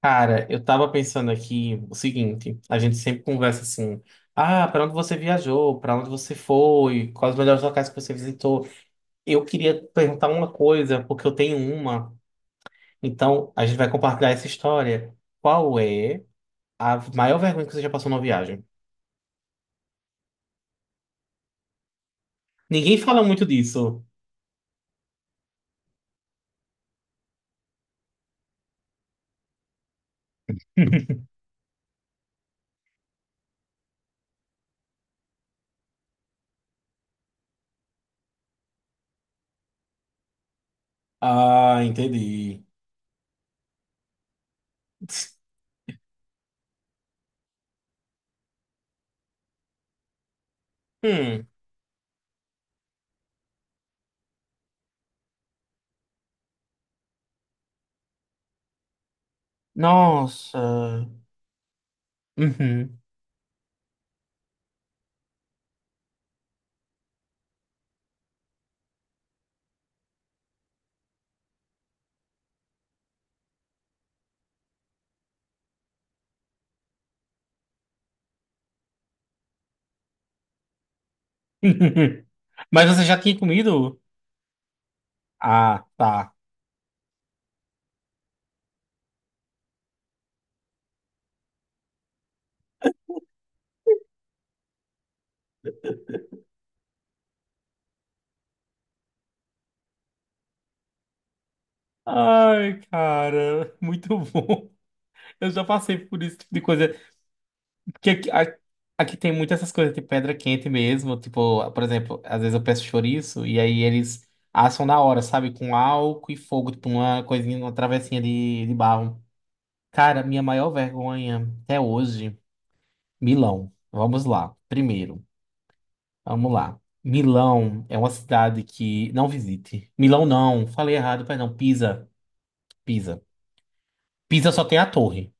Cara, eu tava pensando aqui o seguinte, a gente sempre conversa assim, ah, pra onde você viajou, pra onde você foi, quais os melhores locais que você visitou. Eu queria perguntar uma coisa, porque eu tenho uma, então a gente vai compartilhar essa história. Qual é a maior vergonha que você já passou numa viagem? Ninguém fala muito disso. Ah, entendi. Hum. Nossa. Uhum. Mas você já tinha comido? Ah, tá. Ai, cara, muito bom. Eu já passei por isso tipo de coisa. Porque aqui, aqui tem muitas essas coisas de pedra quente mesmo. Tipo, por exemplo, às vezes eu peço chouriço e aí eles assam na hora, sabe? Com álcool e fogo, tipo uma coisinha, uma travessinha de barro. Cara, minha maior vergonha até hoje, Milão. Vamos lá, primeiro. Vamos lá. Milão é uma cidade que não visite. Milão não, falei errado, perdão. Pisa, Pisa. Pisa só tem a torre.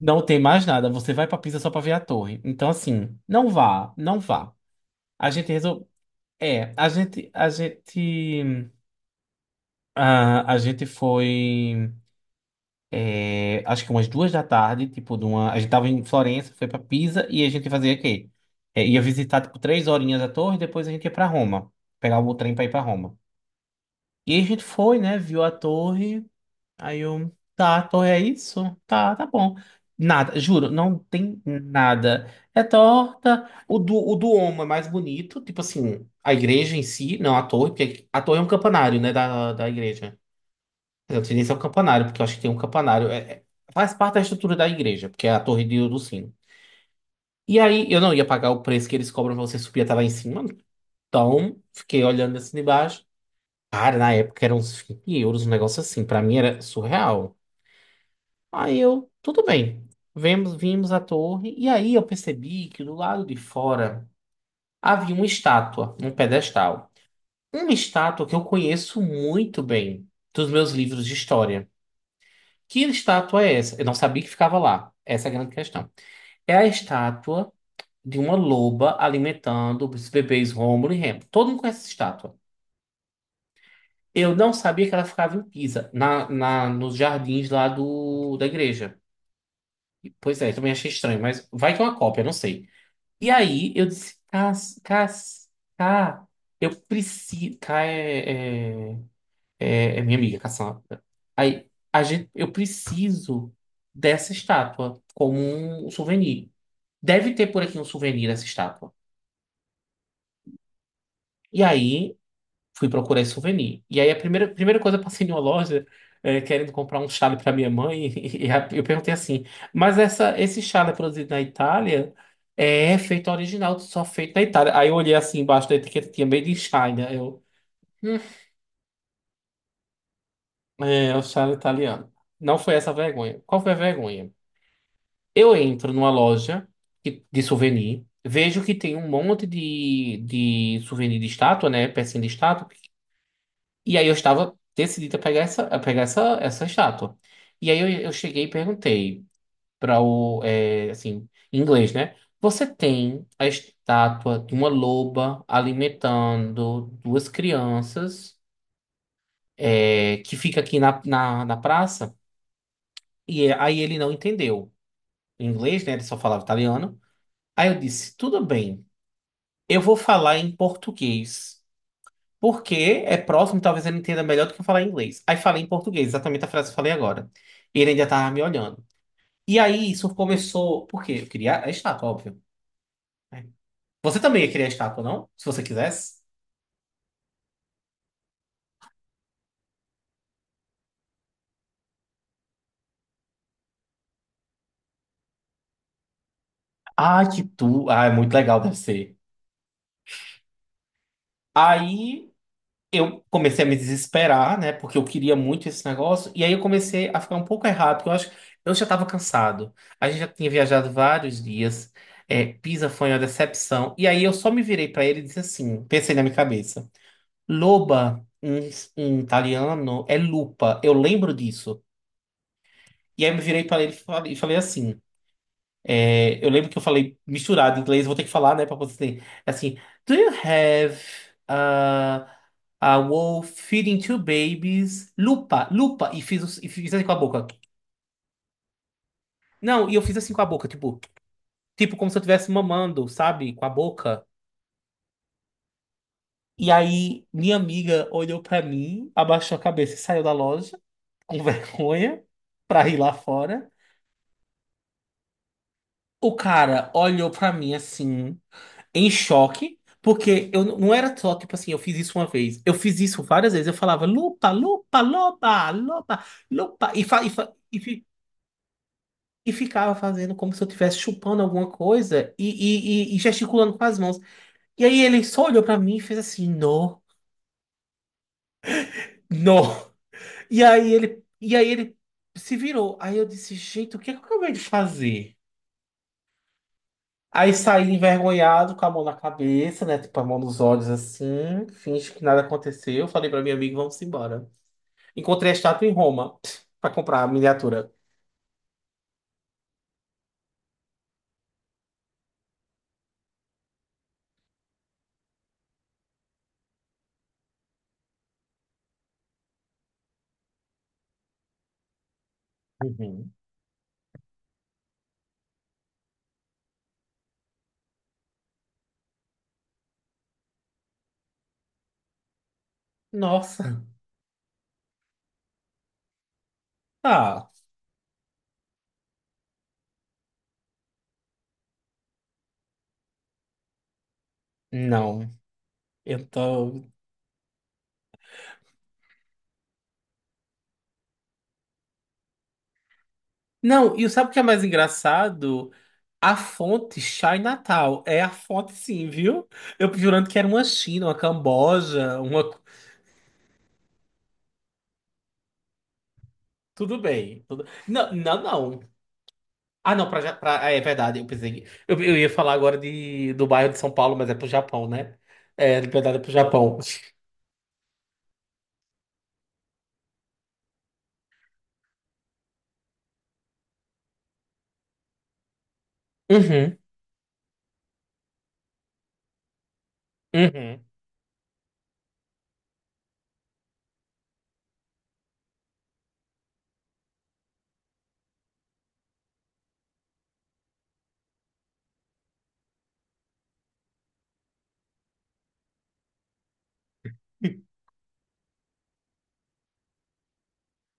Não tem mais nada. Você vai pra Pisa só pra ver a torre. Então, assim, não vá, não vá. A gente resolveu. É, a gente foi, é, acho que umas 2 da tarde, tipo, a gente tava em Florença, foi pra Pisa e a gente fazia o quê? É, ia visitar, tipo, 3 horinhas a torre, depois a gente ia pra Roma, pegar o trem pra ir pra Roma. E a gente foi, né, viu a torre. Aí eu, tá, Thor, é isso? Tá, tá bom. Nada, juro, não tem nada. É torta. O do Homo é mais bonito, tipo assim, a igreja em si, não a torre, porque a torre é um campanário, né, da igreja. Quer dizer, eu não sei nem se é um campanário, porque eu acho que tem um campanário. Faz parte da estrutura da igreja, porque é a torre do sino. E aí eu não ia pagar o preço que eles cobram pra você subir até lá em cima, então fiquei olhando assim de baixo. Cara, na época eram uns €20, um negócio assim, pra mim era surreal. Aí eu, tudo bem. Vimos a torre e aí eu percebi que do lado de fora havia uma estátua, um pedestal. Uma estátua que eu conheço muito bem dos meus livros de história. Que estátua é essa? Eu não sabia que ficava lá. Essa é a grande questão. É a estátua de uma loba alimentando os bebês Rômulo e Remo. Todo mundo conhece essa estátua. Eu não sabia que ela ficava em Pisa, nos jardins lá da igreja. Pois é, também achei estranho, mas vai que é uma cópia, não sei. E aí eu disse, Cá, eu preciso. Cá é minha amiga, Cassandra. Aí eu preciso dessa estátua como um souvenir. Deve ter por aqui um souvenir dessa estátua. E aí fui procurar esse souvenir. E aí a primeira coisa, eu passei em uma loja querendo comprar um chale para minha mãe e, eu perguntei assim, mas esse chale é produzido na Itália, é feito original, só feito na Itália. Aí eu olhei assim embaixo da etiqueta, tinha Made in China. Hum, é o chale italiano. Não foi essa a vergonha. Qual foi a vergonha? Eu entro numa loja de souvenir, vejo que tem um monte de souvenir de estátua, né? Pecinha de estátua. E aí eu estava decidida a pegar essa estátua. E aí eu cheguei e perguntei assim, em inglês, né? Você tem a estátua de uma loba alimentando duas crianças, que fica aqui na praça? E aí ele não entendeu em inglês, né? Ele só falava italiano. Aí eu disse, tudo bem, eu vou falar em português. Porque é próximo, talvez ele entenda melhor do que eu falar em inglês. Aí falei em português, exatamente a frase que eu falei agora. E ele ainda tava me olhando. E aí isso começou. Por quê? Eu queria a estátua, óbvio, né? Você também ia querer a estátua, não? Se você quisesse. Ah, que tu. Ah, é muito legal, deve ser. Aí eu comecei a me desesperar, né? Porque eu queria muito esse negócio. E aí eu comecei a ficar um pouco errado, porque eu acho que eu já estava cansado. A gente já tinha viajado vários dias. É, Pisa foi uma decepção. E aí eu só me virei para ele e disse assim: pensei na minha cabeça. Loba, em italiano, é lupa. Eu lembro disso. E aí eu me virei para ele e falei, assim. É, eu lembro que eu falei misturado em inglês, eu vou ter que falar, né, pra conseguir. Assim, do you have uh, a wolf feeding two babies? Lupa, lupa. E fiz assim com a boca. Não, e eu fiz assim com a boca, tipo como se eu estivesse mamando, sabe? Com a boca. E aí, minha amiga olhou pra mim, abaixou a cabeça e saiu da loja, com vergonha, pra ir lá fora. O cara olhou pra mim assim, em choque, porque eu não era só, tipo assim, eu fiz isso uma vez. Eu fiz isso várias vezes. Eu falava lupa, lupa, loba, loba, lupa, e ficava fazendo como se eu estivesse chupando alguma coisa e gesticulando com as mãos. E aí ele só olhou pra mim e fez assim, não, não. E aí ele se virou. Aí eu disse, gente, o que é que eu acabei de fazer? Aí saí envergonhado, com a mão na cabeça, né? Tipo, a mão nos olhos assim, finge que nada aconteceu. Falei pra minha amiga, vamos embora. Encontrei a estátua em Roma para comprar a miniatura. Uhum. Nossa. Ah, não. Eu tô. Não, e sabe o que é mais engraçado? A fonte Chai Natal. É a fonte, sim, viu? Eu jurando que era uma China, uma Camboja, uma. Tudo bem. Não, não, não. Ah, não, ah, é verdade, eu pensei. Eu ia falar agora do bairro de São Paulo, mas é pro Japão, né? É, de verdade, é pro Japão. Uhum, uhum.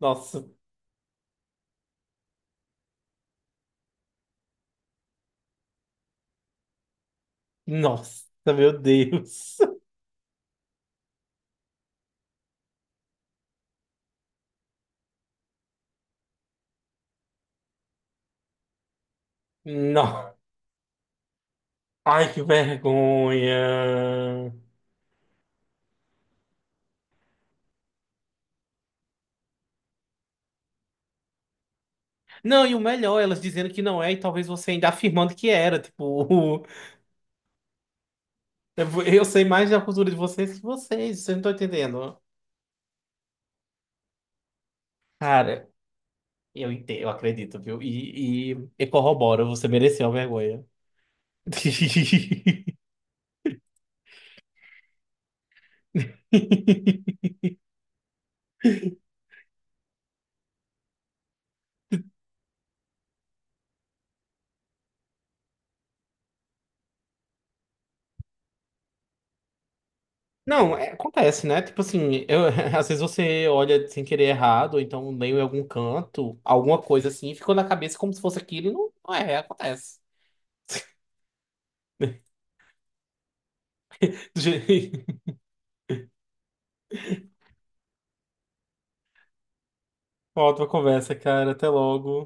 Nossa. Nossa, meu Deus. Não. Ai, que vergonha. Não, e o melhor, elas dizendo que não é, e talvez você ainda afirmando que era. Tipo, eu sei mais da cultura de vocês que vocês não estão entendendo. Cara, eu entendo, eu acredito, viu? E corroboro, você mereceu a vergonha. Não, acontece, né? Tipo assim, às vezes você olha sem querer errado, ou então leu em algum canto, alguma coisa assim, e ficou na cabeça como se fosse aquilo e não, não é, acontece. Gente, ótima conversa, cara. Até logo.